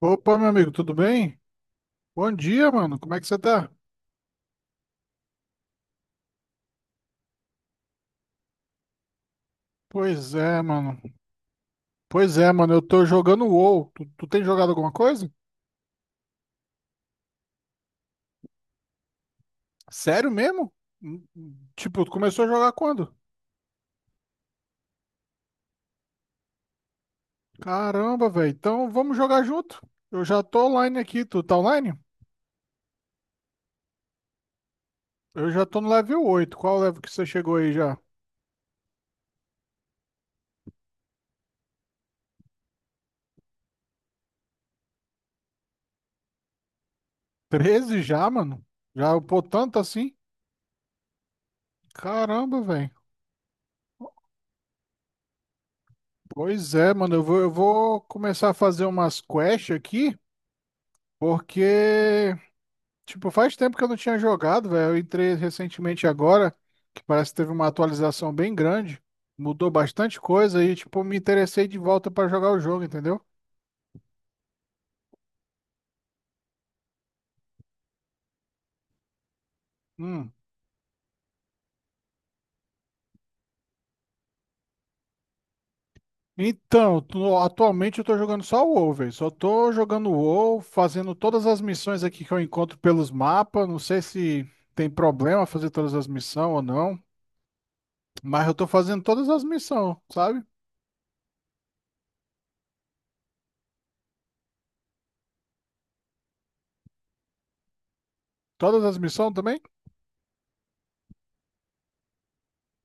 Opa, meu amigo, tudo bem? Bom dia, mano. Como é que você tá? Pois é, mano. Pois é, mano. Eu tô jogando WoW. Tu tem jogado alguma coisa? Sério mesmo? Tipo, tu começou a jogar quando? Caramba, velho. Então vamos jogar junto. Eu já tô online aqui. Tu tá online? Eu já tô no level 8. Qual level que você chegou aí já? 13 já, mano? Já upou tanto assim? Caramba, velho. Pois é, mano. Eu vou começar a fazer umas quests aqui, porque, tipo, faz tempo que eu não tinha jogado, velho. Eu entrei recentemente agora, que parece que teve uma atualização bem grande. Mudou bastante coisa e, tipo, me interessei de volta pra jogar o jogo, entendeu? Hum. Então, atualmente eu tô jogando só o WoW, velho. Só tô jogando o WoW, fazendo todas as missões aqui que eu encontro pelos mapas. Não sei se tem problema fazer todas as missões ou não, mas eu tô fazendo todas as missões, sabe? Todas as missões também?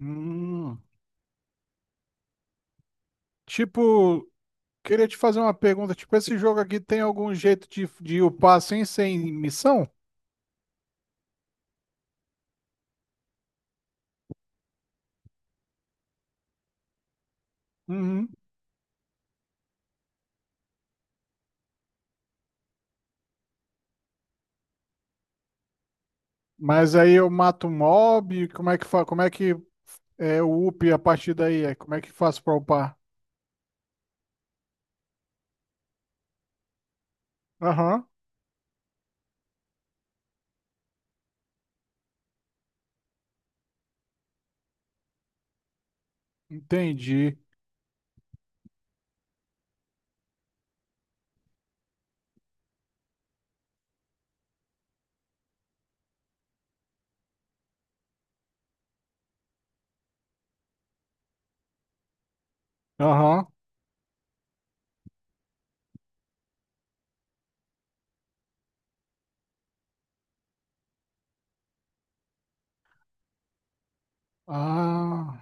Hum. Tipo, queria te fazer uma pergunta, tipo, esse jogo aqui tem algum jeito de upar assim, sem missão? Uhum. Mas aí eu mato um mob, como é que é o up a partir daí? É, como é que faço pra upar? Aham. Entendi. Aham. Ah,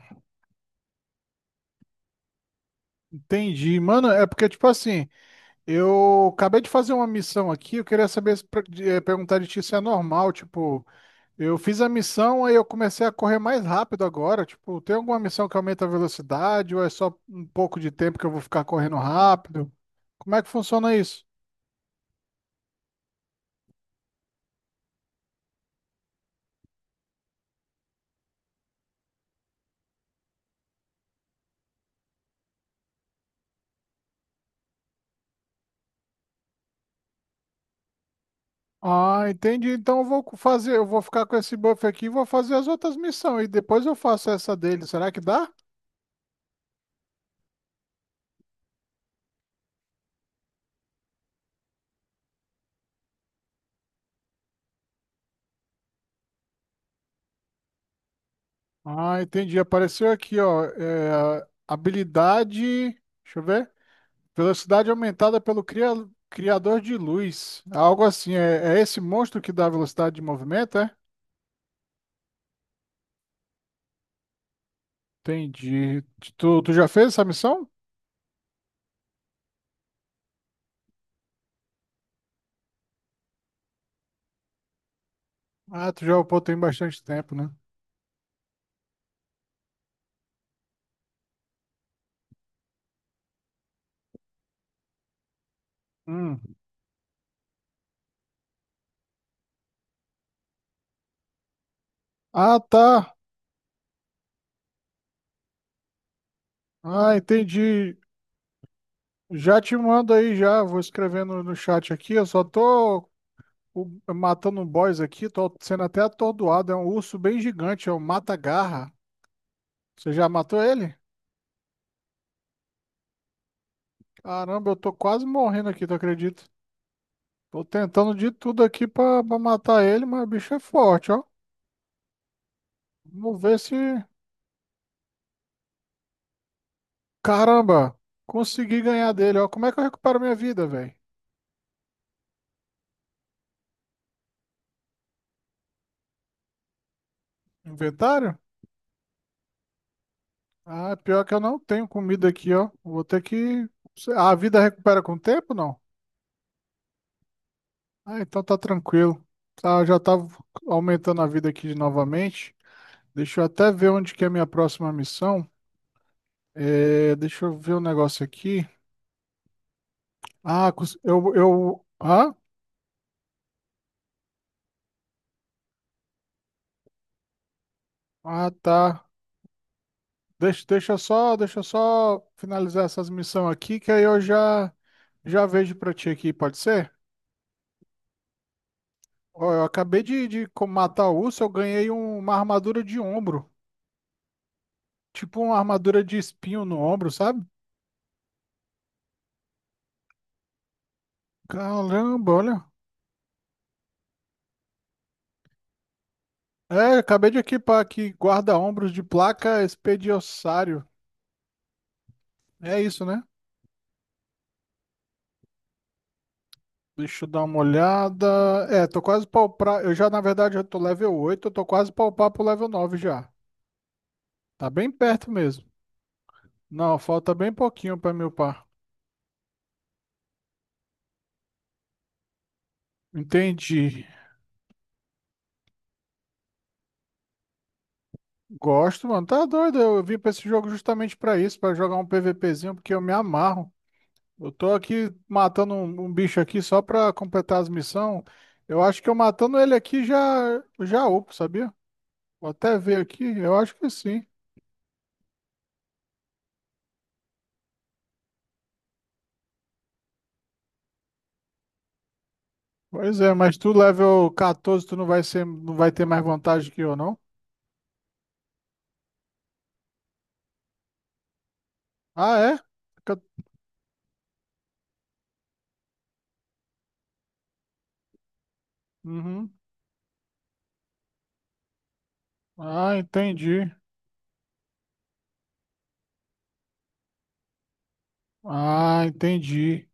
entendi. Mano, é porque, tipo assim, eu acabei de fazer uma missão aqui, eu queria saber, se pra- de- eh, perguntar de ti se é normal, tipo. Eu fiz a missão, aí eu comecei a correr mais rápido agora. Tipo, tem alguma missão que aumenta a velocidade ou é só um pouco de tempo que eu vou ficar correndo rápido? Como é que funciona isso? Ah, entendi. Então eu vou fazer, eu vou ficar com esse buff aqui e vou fazer as outras missões e depois eu faço essa dele. Será que dá? Ah, entendi. Apareceu aqui, ó, é, habilidade, deixa eu ver. Velocidade aumentada pelo criador de luz. Algo assim, é, é esse monstro que dá velocidade de movimento, é? Entendi. Tu já fez essa missão? Ah, tu já upou tem bastante tempo, né? Hum. Ah, tá. Ah, entendi. Já te mando aí já. Vou escrevendo no chat aqui. Eu só tô o- matando um boss aqui. Tô sendo até atordoado. É um urso bem gigante. É um mata-garra. Você já matou ele? Caramba, eu tô quase morrendo aqui, tu acredita? Tô tentando de tudo aqui pra matar ele, mas o bicho é forte, ó. Vamos ver se. Caramba, consegui ganhar dele, ó. Como é que eu recupero minha vida, velho? Inventário? Ah, pior que eu não tenho comida aqui, ó. Vou ter que. A vida recupera com o tempo, não? Ah, então tá tranquilo. Tá, eu já tava aumentando a vida aqui de novamente. Deixa eu até ver onde que é a minha próxima missão. É, deixa eu ver um negócio aqui. Ah, eu. Ah? Ah, tá. Deixa eu só finalizar essas missões aqui, que aí eu já vejo pra ti aqui, pode ser? Ó, eu acabei de matar o urso, eu ganhei uma armadura de ombro. Tipo uma armadura de espinho no ombro, sabe? Caramba, olha. É, acabei de equipar aqui guarda-ombros de placa expediossário. É isso, né? Deixa eu dar uma olhada. É, tô quase palpar. Eu já, na verdade, já tô level oito. Eu tô quase palpar pro level 9 já. Tá bem perto mesmo. Não, falta bem pouquinho pra me upar. Entendi. Gosto, mano. Tá doido. Eu vim pra esse jogo justamente pra isso, pra jogar um PVPzinho, porque eu me amarro. Eu tô aqui matando um bicho aqui só pra completar as missões. Eu acho que eu matando ele aqui já já upo, sabia? Vou até ver aqui, eu acho que sim. Pois é, mas tu level 14, tu não vai ser, não vai ter mais vantagem que eu, não? Ah, é? Fica- Uhum. Ah, entendi. Ah, entendi.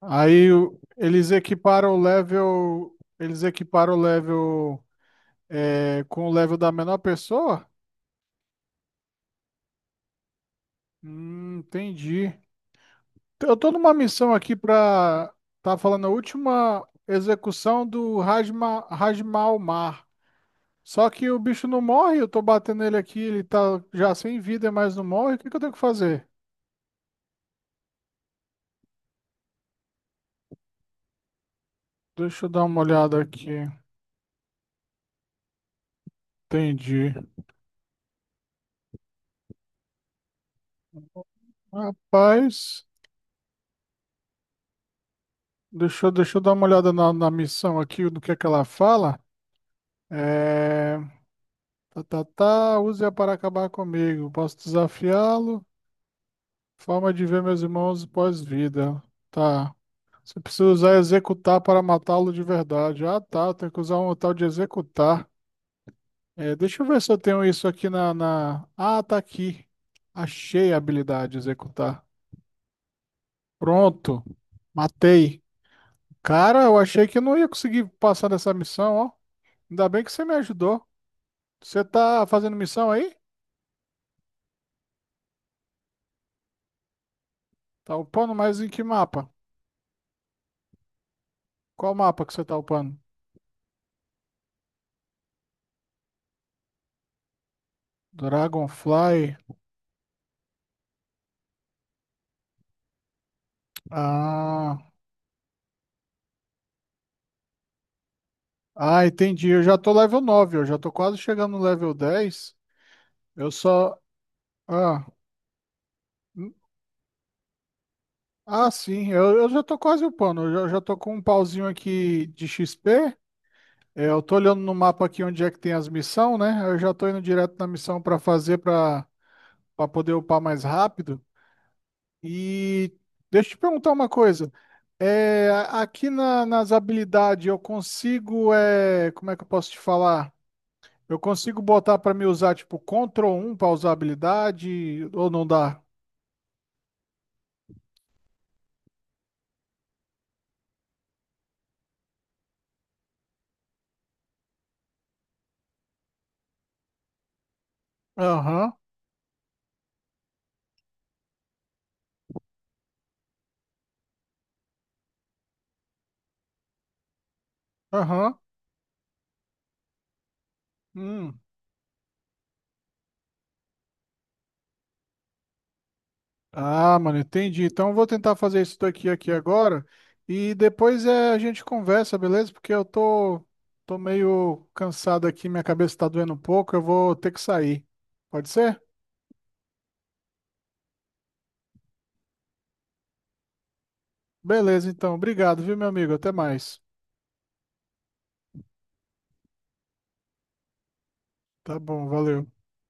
Aí eles equiparam o level, eles equiparam o level, é, com o level da menor pessoa? Entendi. Então, eu tô numa missão aqui pra. Tá falando a última execução do Rajma, Rajmal Mar. Só que o bicho não morre, eu tô batendo ele aqui, ele tá já sem vida, mas não morre. O que que eu tenho que fazer? Deixa eu dar uma olhada aqui. Entendi. Rapaz, deixa eu dar uma olhada na, missão aqui, do que é que ela fala. É. Tá, tá, tá, use-a para acabar comigo. Posso desafiá-lo? Forma de ver meus irmãos pós-vida. Tá. Você precisa usar executar para matá-lo de verdade. Ah, tá. Tem que usar um tal de executar. É, deixa eu ver se eu tenho isso aqui na, na. Ah, tá aqui. Achei a habilidade executar. Pronto. Matei. Cara, eu achei que eu não ia conseguir passar dessa missão, ó. Ainda bem que você me ajudou. Você tá fazendo missão aí? Tá upando, mas em que mapa? Qual mapa que você tá upando? Dragonfly. Ah. Ah, entendi. Eu já tô level 9. Eu já tô quase chegando no level 10. Eu só. Ah, hum, ah sim, eu já tô quase upando. Eu já tô com um pauzinho aqui de XP. É, eu tô olhando no mapa aqui onde é que tem as missões, né? Eu já tô indo direto na missão pra fazer pra para poder upar mais rápido. E deixa eu te perguntar uma coisa. É, aqui nas habilidades eu consigo. É, como é que eu posso te falar? Eu consigo botar pra me usar, tipo, Ctrl 1 pra usar habilidade, ou não dá? Aham, aham. Hum. Ah, mano, entendi. Então eu vou tentar fazer isso daqui aqui agora e depois é, a gente conversa, beleza? Porque eu tô meio cansado aqui, minha cabeça tá doendo um pouco, eu vou ter que sair. Pode ser? Beleza, então. Obrigado, viu, meu amigo? Até mais. Tá bom, valeu.